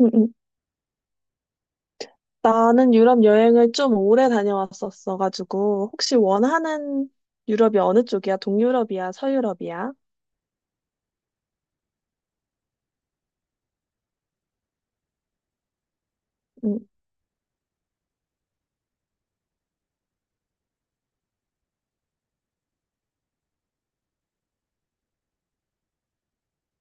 응, 응. 나는 유럽 여행을 좀 오래 다녀왔었어가지고, 혹시 원하는 유럽이 어느 쪽이야? 동유럽이야? 서유럽이야? 응.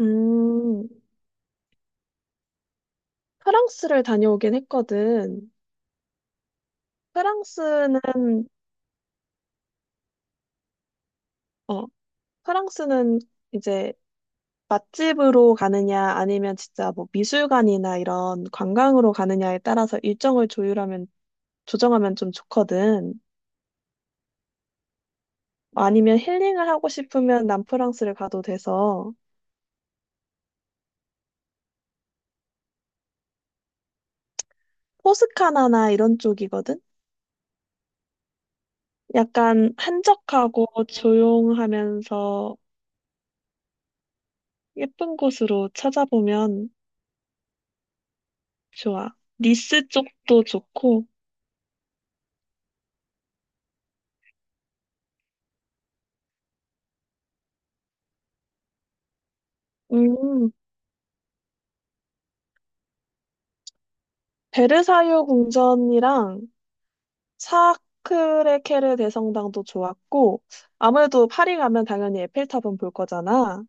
음, 프랑스를 다녀오긴 했거든. 프랑스는, 어, 프랑스는 이제 맛집으로 가느냐, 아니면 진짜 뭐 미술관이나 이런 관광으로 가느냐에 따라서 조정하면 좀 좋거든. 아니면 힐링을 하고 싶으면 남프랑스를 가도 돼서, 포스카나나 이런 쪽이거든? 약간 한적하고 조용하면서 예쁜 곳으로 찾아보면 좋아. 니스 쪽도 좋고, 음, 베르사유 궁전이랑 사크레케르 대성당도 좋았고, 아무래도 파리 가면 당연히 에펠탑은 볼 거잖아.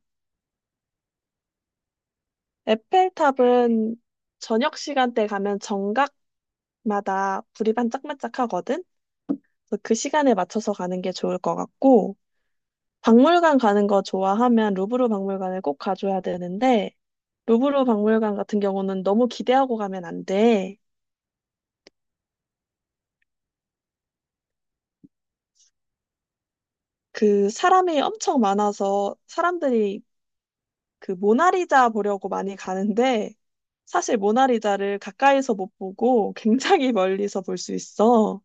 에펠탑은 저녁 시간대 가면 정각마다 불이 반짝반짝하거든? 그래서 그 시간에 맞춰서 가는 게 좋을 것 같고, 박물관 가는 거 좋아하면 루브르 박물관을 꼭 가줘야 되는데, 루브르 박물관 같은 경우는 너무 기대하고 가면 안 돼. 그 사람이 엄청 많아서 사람들이 그 모나리자 보려고 많이 가는데, 사실 모나리자를 가까이서 못 보고 굉장히 멀리서 볼 수 있어.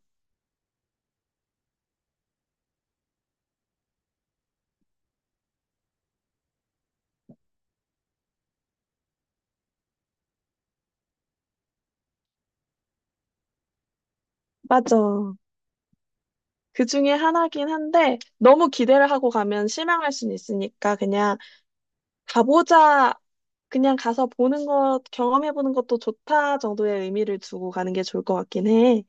맞아. 그 중에 하나긴 한데, 너무 기대를 하고 가면 실망할 수는 있으니까 그냥 가보자 그냥 가서 보는 것, 경험해보는 것도 좋다 정도의 의미를 두고 가는 게 좋을 것 같긴 해.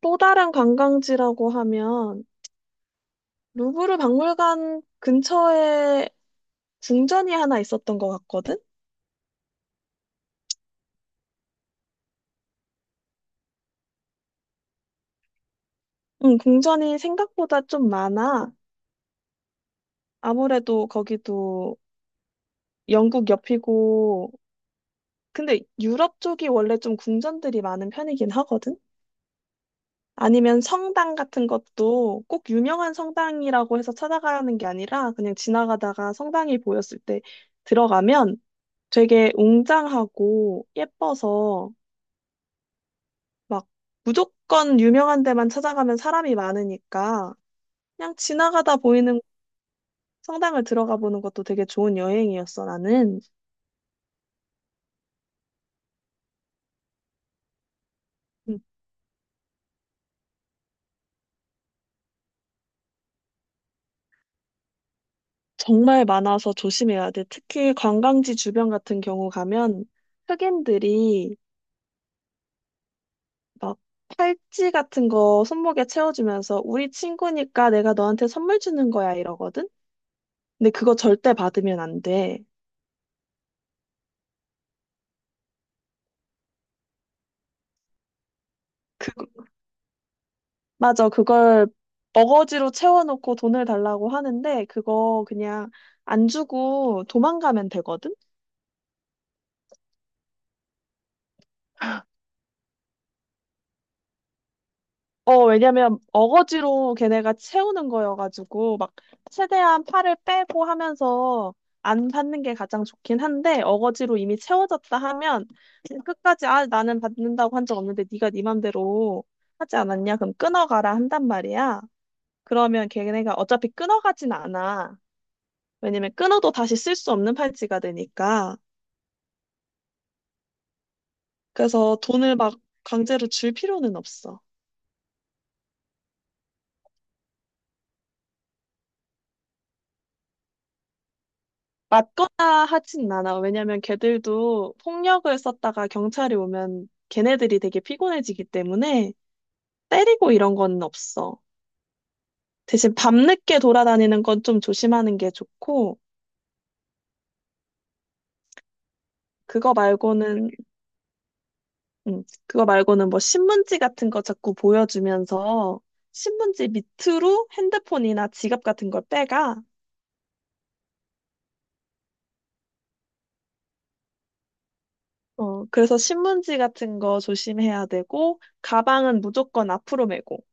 또 다른 관광지라고 하면 루브르 박물관 근처에 궁전이 하나 있었던 것 같거든? 응, 궁전이 생각보다 좀 많아. 아무래도 거기도 영국 옆이고, 근데 유럽 쪽이 원래 좀 궁전들이 많은 편이긴 하거든? 아니면 성당 같은 것도 꼭 유명한 성당이라고 해서 찾아가는 게 아니라 그냥 지나가다가 성당이 보였을 때 들어가면 되게 웅장하고 예뻐서 막 무조건 유명한 데만 찾아가면 사람이 많으니까 그냥 지나가다 보이는 성당을 들어가 보는 것도 되게 좋은 여행이었어, 나는. 음, 정말 많아서 조심해야 돼. 특히 관광지 주변 같은 경우 가면 흑인들이 막 팔찌 같은 거 손목에 채워주면서 우리 친구니까 내가 너한테 선물 주는 거야 이러거든? 근데 그거 절대 받으면 안 돼. 맞아, 그걸 어거지로 채워놓고 돈을 달라고 하는데 그거 그냥 안 주고 도망가면 되거든? 어, 왜냐면 어거지로 걔네가 채우는 거여가지고 막 최대한 팔을 빼고 하면서 안 받는 게 가장 좋긴 한데 어거지로 이미 채워졌다 하면 끝까지 아 나는 받는다고 한 적 없는데 네가 네 맘대로 하지 않았냐? 그럼 끊어가라 한단 말이야. 그러면 걔네가 어차피 끊어가진 않아. 왜냐면 끊어도 다시 쓸 수 없는 팔찌가 되니까. 그래서 돈을 막 강제로 줄 필요는 없어. 맞거나 하진 않아. 왜냐면 걔들도 폭력을 썼다가 경찰이 오면 걔네들이 되게 피곤해지기 때문에 때리고 이런 건 없어. 대신 밤늦게 돌아다니는 건 좀 조심하는 게 좋고, 그거 말고는, 그거 말고는 뭐 신문지 같은 거 자꾸 보여주면서 신문지 밑으로 핸드폰이나 지갑 같은 걸 빼가. 어, 그래서 신문지 같은 거 조심해야 되고, 가방은 무조건 앞으로 메고.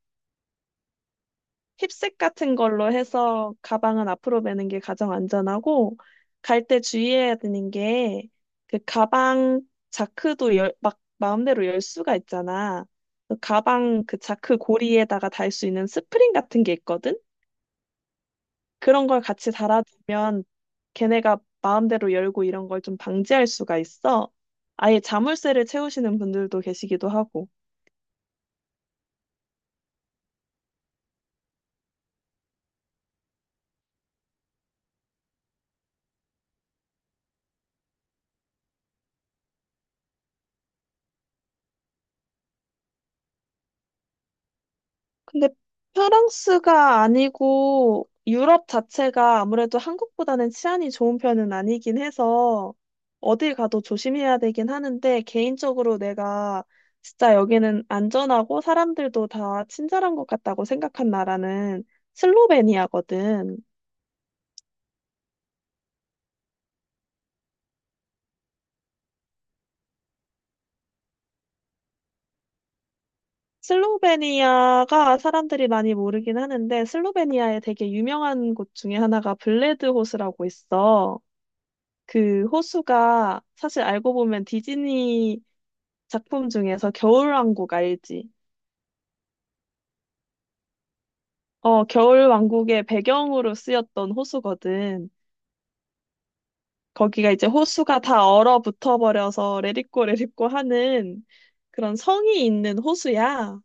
힙색 같은 걸로 해서 가방은 앞으로 매는 게 가장 안전하고 갈 때 주의해야 되는 게 그 가방 자크도 열, 막 마음대로 열 수가 있잖아. 그 가방 그 자크 고리에다가 달 수 있는 스프링 같은 게 있거든. 그런 걸 같이 달아두면 걔네가 마음대로 열고 이런 걸 좀 방지할 수가 있어. 아예 자물쇠를 채우시는 분들도 계시기도 하고. 근데 프랑스가 아니고 유럽 자체가 아무래도 한국보다는 치안이 좋은 편은 아니긴 해서 어딜 가도 조심해야 되긴 하는데 개인적으로 내가 진짜 여기는 안전하고 사람들도 다 친절한 것 같다고 생각한 나라는 슬로베니아거든. 슬로베니아가 사람들이 많이 모르긴 하는데 슬로베니아에 되게 유명한 곳 중에 하나가 블레드 호수라고 있어. 그 호수가 사실 알고 보면 디즈니 작품 중에서 겨울왕국 알지? 어, 겨울왕국의 배경으로 쓰였던 호수거든. 거기가 이제 호수가 다 얼어붙어 버려서 레디꼬 레디꼬 하는 그런 성이 있는 호수야.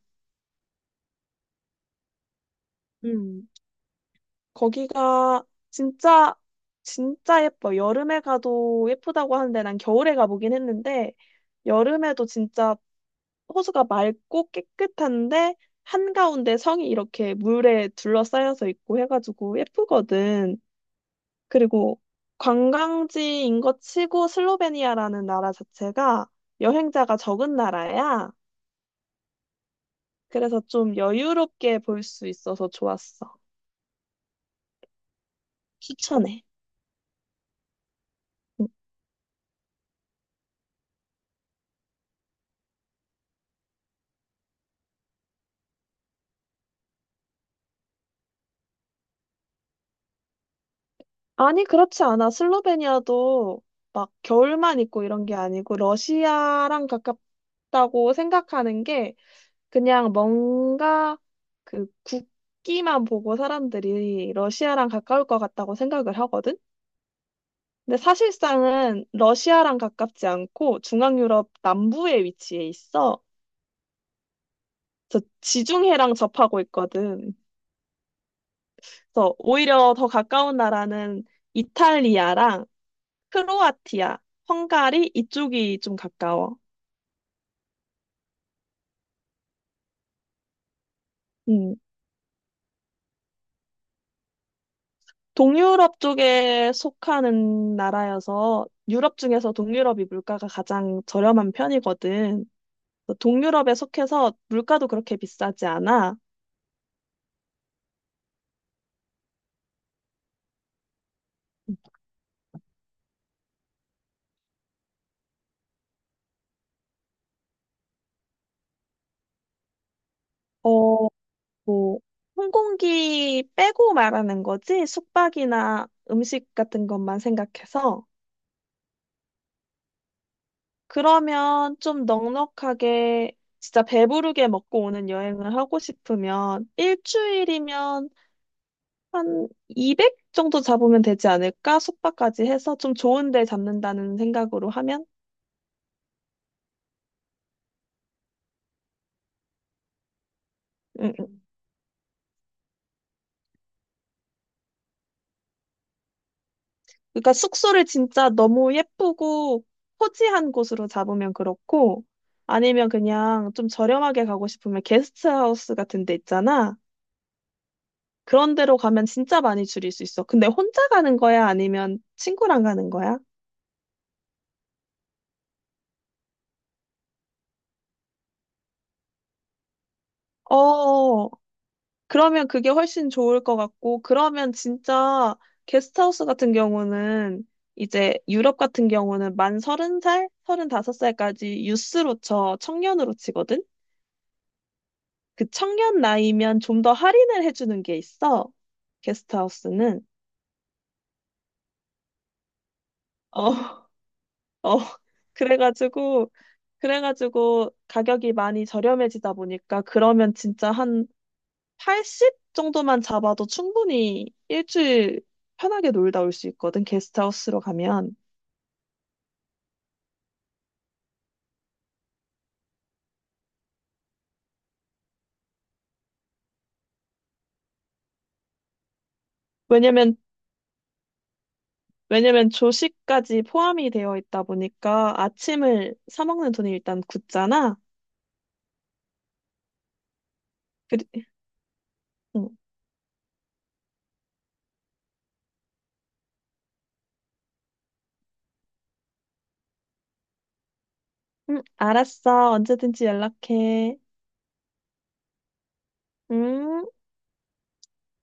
음, 거기가 진짜 진짜 예뻐. 여름에 가도 예쁘다고 하는데 난 겨울에 가보긴 했는데 여름에도 진짜 호수가 맑고 깨끗한데 한가운데 성이 이렇게 물에 둘러싸여서 있고 해가지고 예쁘거든. 그리고 관광지인 것 치고 슬로베니아라는 나라 자체가 여행자가 적은 나라야. 그래서 좀 여유롭게 볼 수 있어서 좋았어. 추천해. 응. 아니, 그렇지 않아. 슬로베니아도 막 겨울만 있고 이런 게 아니고 러시아랑 가깝다고 생각하는 게 그냥 뭔가 그 국기만 보고 사람들이 러시아랑 가까울 것 같다고 생각을 하거든. 근데 사실상은 러시아랑 가깝지 않고 중앙 유럽 남부에 위치해 있어. 저 지중해랑 접하고 있거든. 그래서 오히려 더 가까운 나라는 이탈리아랑 크로아티아, 헝가리 이쪽이 좀 가까워. 음. 동유럽 쪽에 속하는 나라여서 유럽 중에서 동유럽이 물가가 가장 저렴한 편이거든. 그래서 동유럽에 속해서 물가도 그렇게 비싸지 않아. 어, 뭐, 항공기 빼고 말하는 거지? 숙박이나 음식 같은 것만 생각해서. 그러면 좀 넉넉하게 진짜 배부르게 먹고 오는 여행을 하고 싶으면 일주일이면 한 200 정도 잡으면 되지 않을까? 숙박까지 해서 좀 좋은 데 잡는다는 생각으로 하면? 응, 응. 그러니까 숙소를 진짜 너무 예쁘고 호지한 곳으로 잡으면 그렇고, 아니면 그냥 좀 저렴하게 가고 싶으면 게스트하우스 같은 데 있잖아. 그런 데로 가면 진짜 많이 줄일 수 있어. 근데 혼자 가는 거야? 아니면 친구랑 가는 거야? 어, 그러면 그게 훨씬 좋을 것 같고, 그러면 진짜 게스트하우스 같은 경우는 이제 유럽 같은 경우는 만 30살, 서른다섯 살까지 유스로 쳐, 청년으로 치거든? 그 청년 나이면 좀 더 할인을 해주는 게 있어. 게스트하우스는. 어, 어. 그래가지고, 그래가지고 가격이 많이 저렴해지다 보니까 그러면 진짜 한 80 정도만 잡아도 충분히 일주일 편하게 놀다 올 수 있거든. 게스트하우스로 가면. 왜냐면, 왜냐면 조식까지 포함이 되어 있다 보니까 아침을 사 먹는 돈이 일단 굳잖아. 그리, 응, 응, 알았어. 언제든지 연락해. 응?